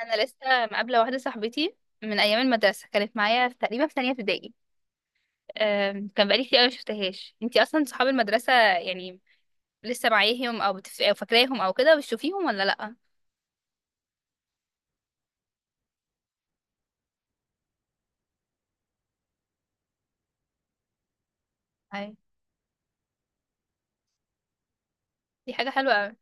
انا لسه مقابله واحده صاحبتي من ايام المدرسه، كانت معايا في تقريبا في تانية ابتدائي. كان بقالي كتير قوي ما شفتهاش. انتي اصلا صحاب المدرسه يعني لسه معاهم او او فاكراهم او كده، بتشوفيهم ولا لا؟ أي. دي حاجه حلوه قوي.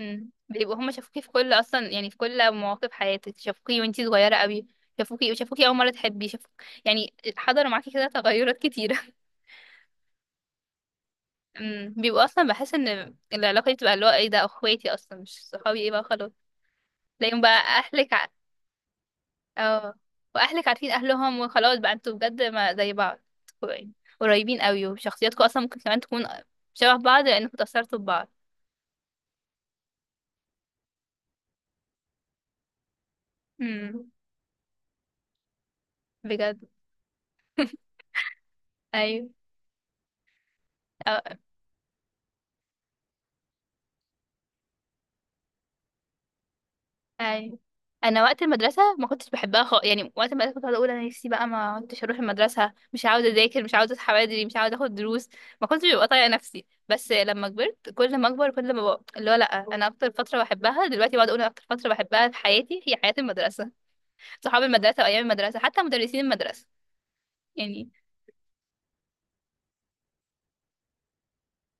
امم، بيبقوا هما شافوكي في كل، اصلا يعني في كل مواقف حياتك شافوكي وانتي صغيره قوي. شافوكي اول مره تحبي شافوك، يعني حضروا معاكي كده تغيرات كتيره. امم، بيبقوا اصلا، بحس ان العلاقه دي بتبقى اللي هو ايه ده، اخواتي اصلا مش صحابي، ايه بقى خلاص تلاقيهم بقى اهلك. اه، واهلك عارفين اهلهم وخلاص بقى انتوا بجد ما زي بعض، يعني قريبين قوي، وشخصياتكم اصلا ممكن كمان تكون شبه بعض لانكم اتأثرتوا ببعض. امم. بجد. ايوه. أه. ايوه، انا وقت المدرسه ما كنتش بحبها خالص، يعني وقت المدرسه كنت قاعده اقول انا نفسي بقى ما كنتش اروح المدرسه، مش عاوزه اذاكر، مش عاوزه اصحى بدري، مش عاوزه اخد دروس، ما كنتش ببقى طايقه نفسي. بس لما كبرت، كل ما اكبر كل ما بقى اللي هو لا، انا اكتر فتره بحبها دلوقتي، بقعد اقول انا اكتر فتره بحبها في حياتي هي حياه المدرسه، صحاب المدرسة وأيام المدرسة حتى مدرسين المدرسة، يعني.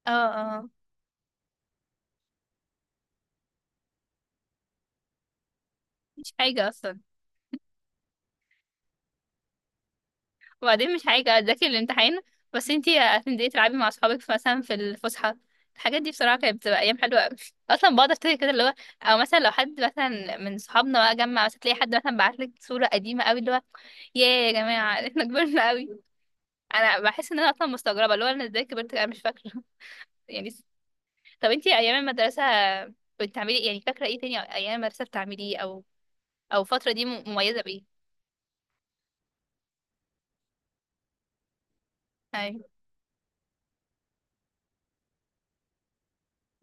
اه، اه. مش حاجة أصلا، وبعدين مش حاجة أذاكر الامتحان، بس انتي هتنزلي تلعبي مع صحابك مثلا في الفسحة. الحاجات دي بصراحة كانت بتبقى أيام حلوة أوي، أصلا بقعد أفتكر كده اللي هو، أو مثلا لو حد مثلا من صحابنا بقى جمع، مثلا تلاقي حد مثلا بعتلك صورة قديمة أوي اللي هو ياه يا جماعة. احنا كبرنا أوي. أنا بحس إن أنا أصلا مستغربة اللي هو أنا ازاي كبرت، أنا مش فاكرة. يعني. طب انتي أيام المدرسة بتعملي، يعني فاكرة ايه تاني أيام المدرسة بتعمليه، أو او الفتره دي مميزه بايه؟ اي.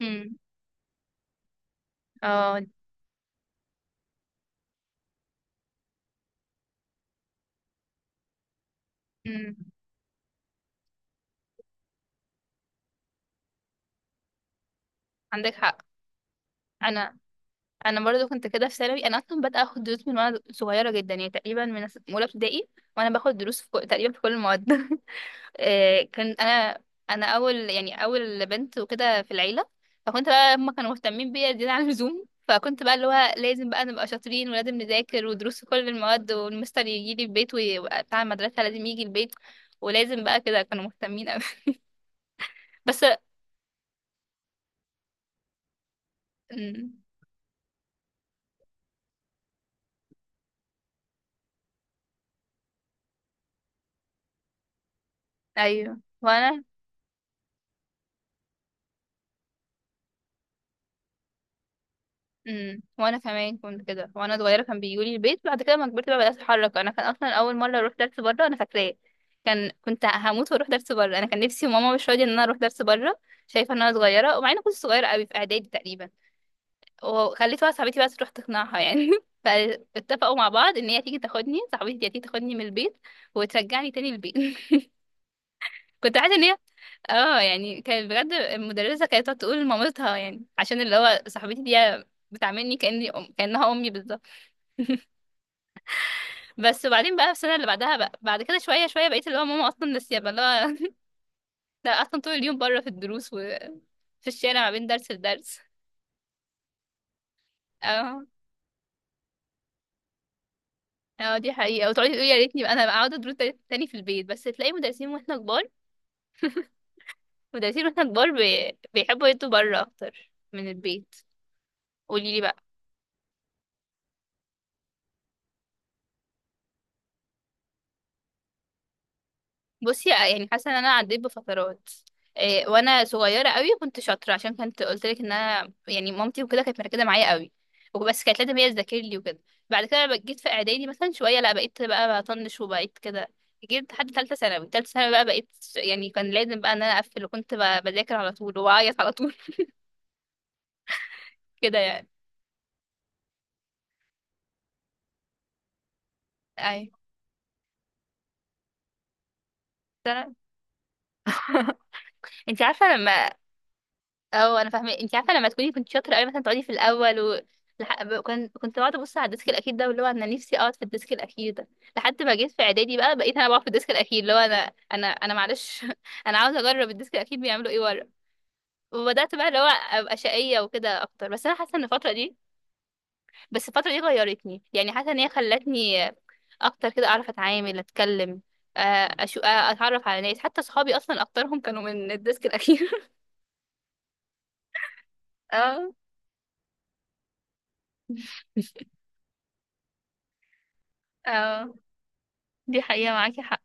امم. اه. امم. عندك حق. انا، انا برضو كنت كده في ثانوي. انا اصلا بدأت اخد دروس من وانا صغيره جدا، يعني تقريبا من اولى ابتدائي، وانا باخد دروس تقريبا في كل المواد. كان انا، انا اول يعني اول بنت وكده في العيله، فكنت بقى هما كانوا مهتمين بيا زياده عن اللزوم، فكنت بقى اللي هو لازم بقى نبقى شاطرين، ولازم نذاكر، ودروس في كل المواد، والمستر يجي لي البيت وبتاع، المدرسه لازم يجي البيت، ولازم بقى كده كانوا مهتمين قوي. بس. ايوه وانا. امم، وانا كمان كنت كده وانا صغيره، كان بيجولي البيت. بعد كده لما كبرت بقى بدات اتحرك انا. كان اصلا اول مره اروح درس بره انا فاكراه. كان كنت هموت واروح درس بره، انا كان نفسي وماما مش راضيه ان انا اروح درس بره، شايفه ان انا صغيره. ومع اني كنت صغيره قوي، في اعدادي تقريبا، وخليت واحده صاحبتي بقى تروح تقنعها يعني. فاتفقوا مع بعض ان هي تيجي تاخدني، صاحبتي دي هتيجي تاخدني من البيت وترجعني تاني البيت. كنت عارفه ان هي، اه يعني، كانت بجد المدرسه كانت تقعد تقول لمامتها يعني، عشان اللي هو صاحبتي دي بتعاملني كانها امي بالظبط. بس وبعدين بقى في السنه اللي بعدها بقى، بعد كده شويه شويه بقيت اللي هو، ماما اصلا ناسيه بقى اللي هو. لا، اصلا طول اليوم بره في الدروس، وفي الشارع ما بين درس لدرس. اه. اه، دي حقيقه. وتقعدي تقولي يا ريتني بقى انا بقى اقعد ادروس تاني في البيت، بس تلاقي مدرسين واحنا كبار، مدرسين واحنا كبار بيحبوا يدوا بره اكتر من البيت. قولي لي بقى. بصي يعني حاسه ان انا عديت بفترات. إيه وانا صغيره قوي كنت شاطره، عشان كنت قلت لك ان انا يعني مامتي وكده كانت مركزه معايا قوي، وبس كانت لازم هي تذاكر لي وكده. بعد كده لما جيت في اعدادي مثلا شويه، لا بقيت بقى بطنش وبقيت كده. جيت لحد ثالثه ثانوي، ثالثه ثانوي بقى بقيت يعني كان لازم بقى ان انا اقفل، وكنت بذاكر على طول واعيط على طول. كده يعني. اي. انت عارفه لما، اه انا فاهمه، انت عارفه لما تكوني كنت شاطره قوي، مثلا تقعدي في الاول و... لح... ب- كنت كنت بقعد ابص على الديسك الاخير ده، واللي هو انا نفسي اقعد في الديسك الاخير ده، لحد ما جيت في اعدادي بقى بقيت انا بقعد في الديسك الاخير، اللي هو انا، انا معلش. انا عاوزه اجرب الديسك الاخير بيعملوا ايه ورا، وبدات بقى اللي هو ابقى شقيه وكده اكتر. بس انا حاسه ان الفتره دي، بس الفتره دي غيرتني يعني، حاسه ان هي خلتني اكتر كده اعرف اتعامل اتكلم، آه، أشو... آه، اتعرف على ناس، حتى صحابي اصلا اكترهم كانوا من الديسك الاخير. اه. اه، دي حقيقه. معاكي حق،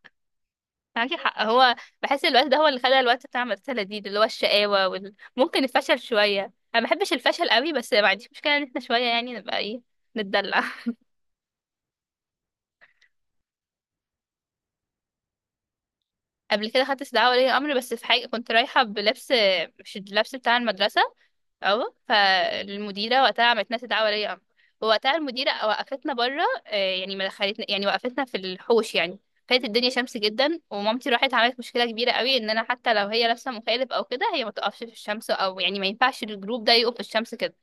معاكي حق. هو بحس الوقت ده هو اللي خلى الوقت بتاع المدرسة لذيذ، اللي هو الشقاوة ممكن الفشل شوية. أنا ما بحبش الفشل قوي، بس ما عنديش مشكلة إن احنا شوية يعني نبقى إيه، نتدلع. قبل كده خدت استدعاء ولي أمر، بس في حاجة كنت رايحة بلبس مش اللبس بتاع المدرسة. اه، فالمديره وقتها عملت لنا استدعاء ولي امر، ووقتها المديره وقفتنا بره، يعني ما دخلتنا، يعني وقفتنا في الحوش يعني، كانت الدنيا شمس جدا. ومامتي راحت عملت مشكله كبيره قوي ان انا حتى لو هي لابسه مخالب او كده، هي ما تقفش في الشمس، او يعني ما ينفعش الجروب ده يقف في الشمس كده.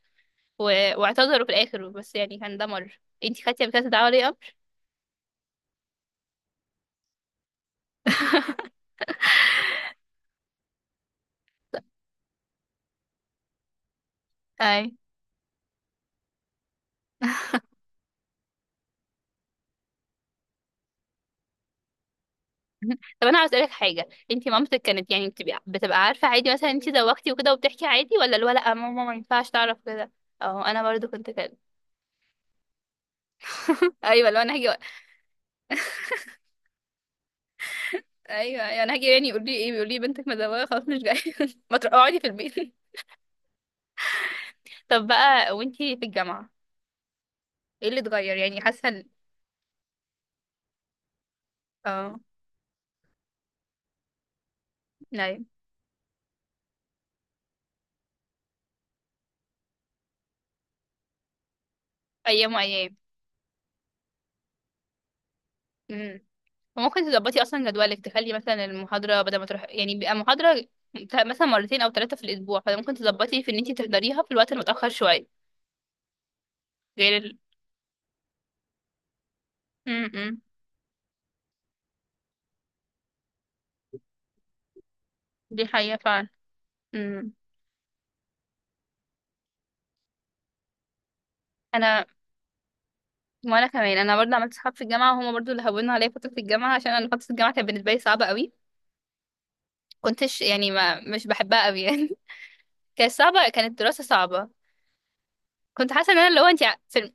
و- واعتذروا في الاخر، بس يعني كان ده مر. انتي خدتي قبل كده استدعاء ولي امر؟ اي. طب انا عاوز اسالك حاجه، انت مامتك كانت يعني بتبقى عارفه عادي مثلا انت زوجتي وكده وبتحكي عادي، ولا اللي هو لا ماما ما ينفعش تعرف كده؟ اه، انا برضو كنت كده. ايوه لو انا هاجي، ايوه ايوه انا هاجي، يعني يقول لي ايه، بيقول لي بنتك مزوقه خلاص مش جايه. ما تروحي اقعدي في البيت. طب بقى، وانتي في الجامعه ايه اللي اتغير؟ يعني حاسه ال-، اه. نعم. ايام وايام. امم. وممكن تظبطي اصلا جدولك، تخلي مثلا المحاضره، بدل ما تروح يعني بيبقى محاضره مثلا مرتين او ثلاثه في الاسبوع، فممكن تظبطي في ان انتي تحضريها في الوقت المتاخر شويه. غير ال... م-م. دي حقيقة فعلا. م. انا، وانا كمان انا برضه عملت صحاب في الجامعة، وهما برضه اللي هونوا عليا فترة الجامعة، عشان انا فترة الجامعة كانت بالنسبة لي صعبة قوي. كنتش يعني ما مش بحبها قوي يعني. كانت صعبة، كانت الدراسة صعبة. كنت حاسة ان انا اللي هو انت في الم-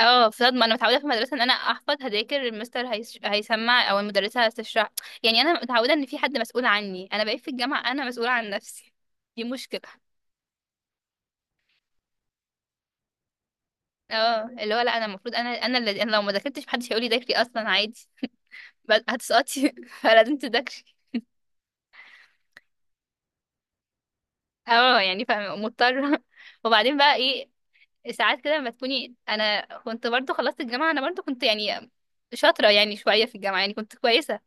اه، في صدمة. انا متعودة في المدرسة ان انا احفظ هذاكر، المستر هيسمع او المدرسة هتشرح، يعني انا متعودة ان في حد مسؤول عني، انا بقيت في الجامعة انا مسؤولة عن نفسي، دي مشكلة. اه، اللي هو لا انا المفروض، انا لو ما ذاكرتش محدش هيقولي ذاكري اصلا عادي، بس هتسقطي. فلازم تذاكري. اه يعني فاهمة مضطرة. وبعدين بقى ايه، ساعات كده لما تكوني، انا كنت برضو خلصت الجامعة، انا برضو كنت يعني شاطرة، يعني شوية في الجامعة يعني كنت كويسة،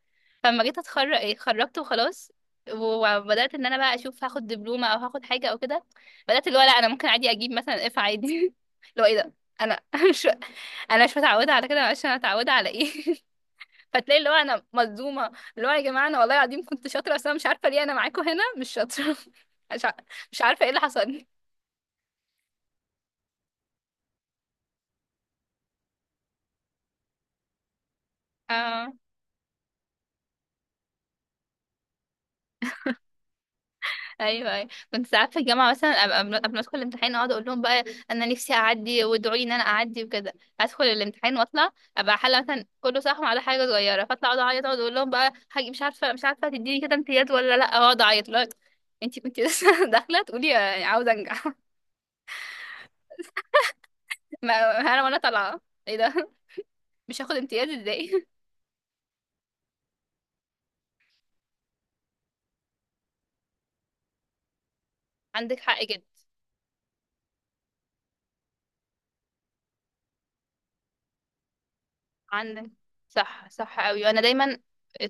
فلما جيت اتخرج ايه اتخرجت وخلاص. وبدأت ان انا بقى اشوف هاخد دبلومة او هاخد حاجة او كده. بدأت اللي هو، لا انا ممكن عادي اجيب مثلا اف عادي. اللي هو ايه ده، انا مش، انا مش متعودة على كده، معلش انا متعودة على ايه. فتلاقي اللي هو انا مصدومه، اللي هو يا جماعه انا والله العظيم كنت شاطره، بس انا مش عارفه ليه انا معاكم هنا مش شاطره. مش ع- مش عارفه ايه اللي حصل. اه. ايوه، ايوه كنت ساعات في الجامعه مثلا أبقى قبل ما ادخل الامتحان اقعد اقول لهم بقى انا نفسي اعدي، وادعوا لي ان انا اعدي وكده. ادخل الامتحان واطلع، ابقى حاله مثلا كله صح على حاجه صغيره، فاطلع اقعد اعيط، اقعد اقول لهم بقى حاجه، مش عارفه تديني كده امتياز ولا لا، اقعد اعيط لا انتي كنتي لسه داخله تقولي عاوزه انجح. ما انا وانا طالعه ايه ده، مش هاخد امتياز ازاي؟ عندك حق جدا، عندك، صح صح قوي. وانا دايما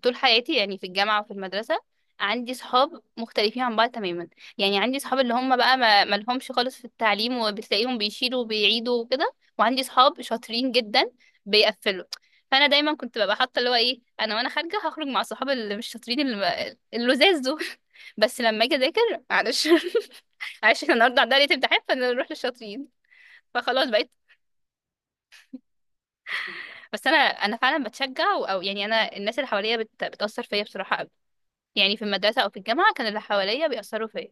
طول حياتي يعني، في الجامعه وفي المدرسه، عندي صحاب مختلفين عن بعض تماما، يعني عندي صحاب اللي هم بقى ما لهمش خالص في التعليم، وبتلاقيهم بيشيلوا وبيعيدوا وكده، وعندي صحاب شاطرين جدا بيقفلوا. فانا دايما كنت ببقى حاطه اللي هو ايه، انا وانا خارجه هخرج مع صحاب اللي مش شاطرين اللي اللزاز دول. بس لما اجي اذاكر معلش. معلش احنا النهارده عندنا ليله امتحان فنروح للشاطرين. فخلاص بقيت. بس انا فعلا بتشجع او يعني، انا الناس اللي حواليا بتاثر فيا بصراحه قوي، يعني في المدرسه او في الجامعه كان اللي حواليا بيأثروا فيا.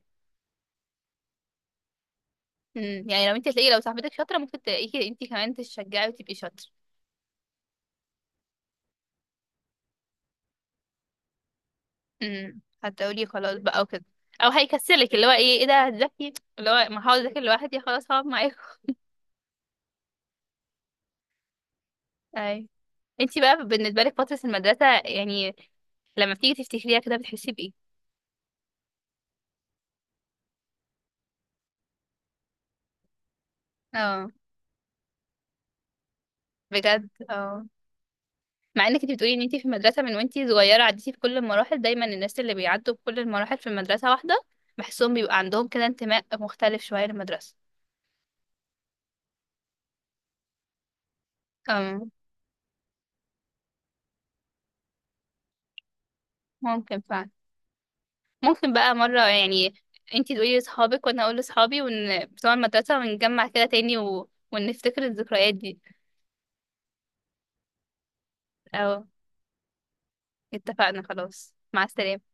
امم، يعني لو انت تلاقي لو صاحبتك شاطره ممكن تلاقيكي انت كمان تشجعي وتبقي شاطره. امم، هتقولي خلاص بقى وكده، او هيكسلك اللي هو ايه ايه ده هتذاكري، اللي هو ما هقعد اذاكر لوحدي خلاص هقعد معاكم. اي. انت بقى بالنسبه لك فتره المدرسه، يعني لما بتيجي تفتكريها كده بتحسي بايه؟ اه. بجد اه. مع انك انت بتقولي ان انت في المدرسه من وانت صغيره عديتي في كل المراحل، دايما الناس اللي بيعدوا بكل المراحل في المدرسه واحده، بحسهم بيبقى عندهم كده انتماء مختلف شويه للمدرسه. أم. ممكن فعلا. ممكن بقى مره يعني انت تقولي لاصحابك وانا اقول لاصحابي ون بتوع المدرسه، ونجمع كده تاني و... ونفتكر الذكريات دي. او، اتفقنا خلاص، مع السلامه.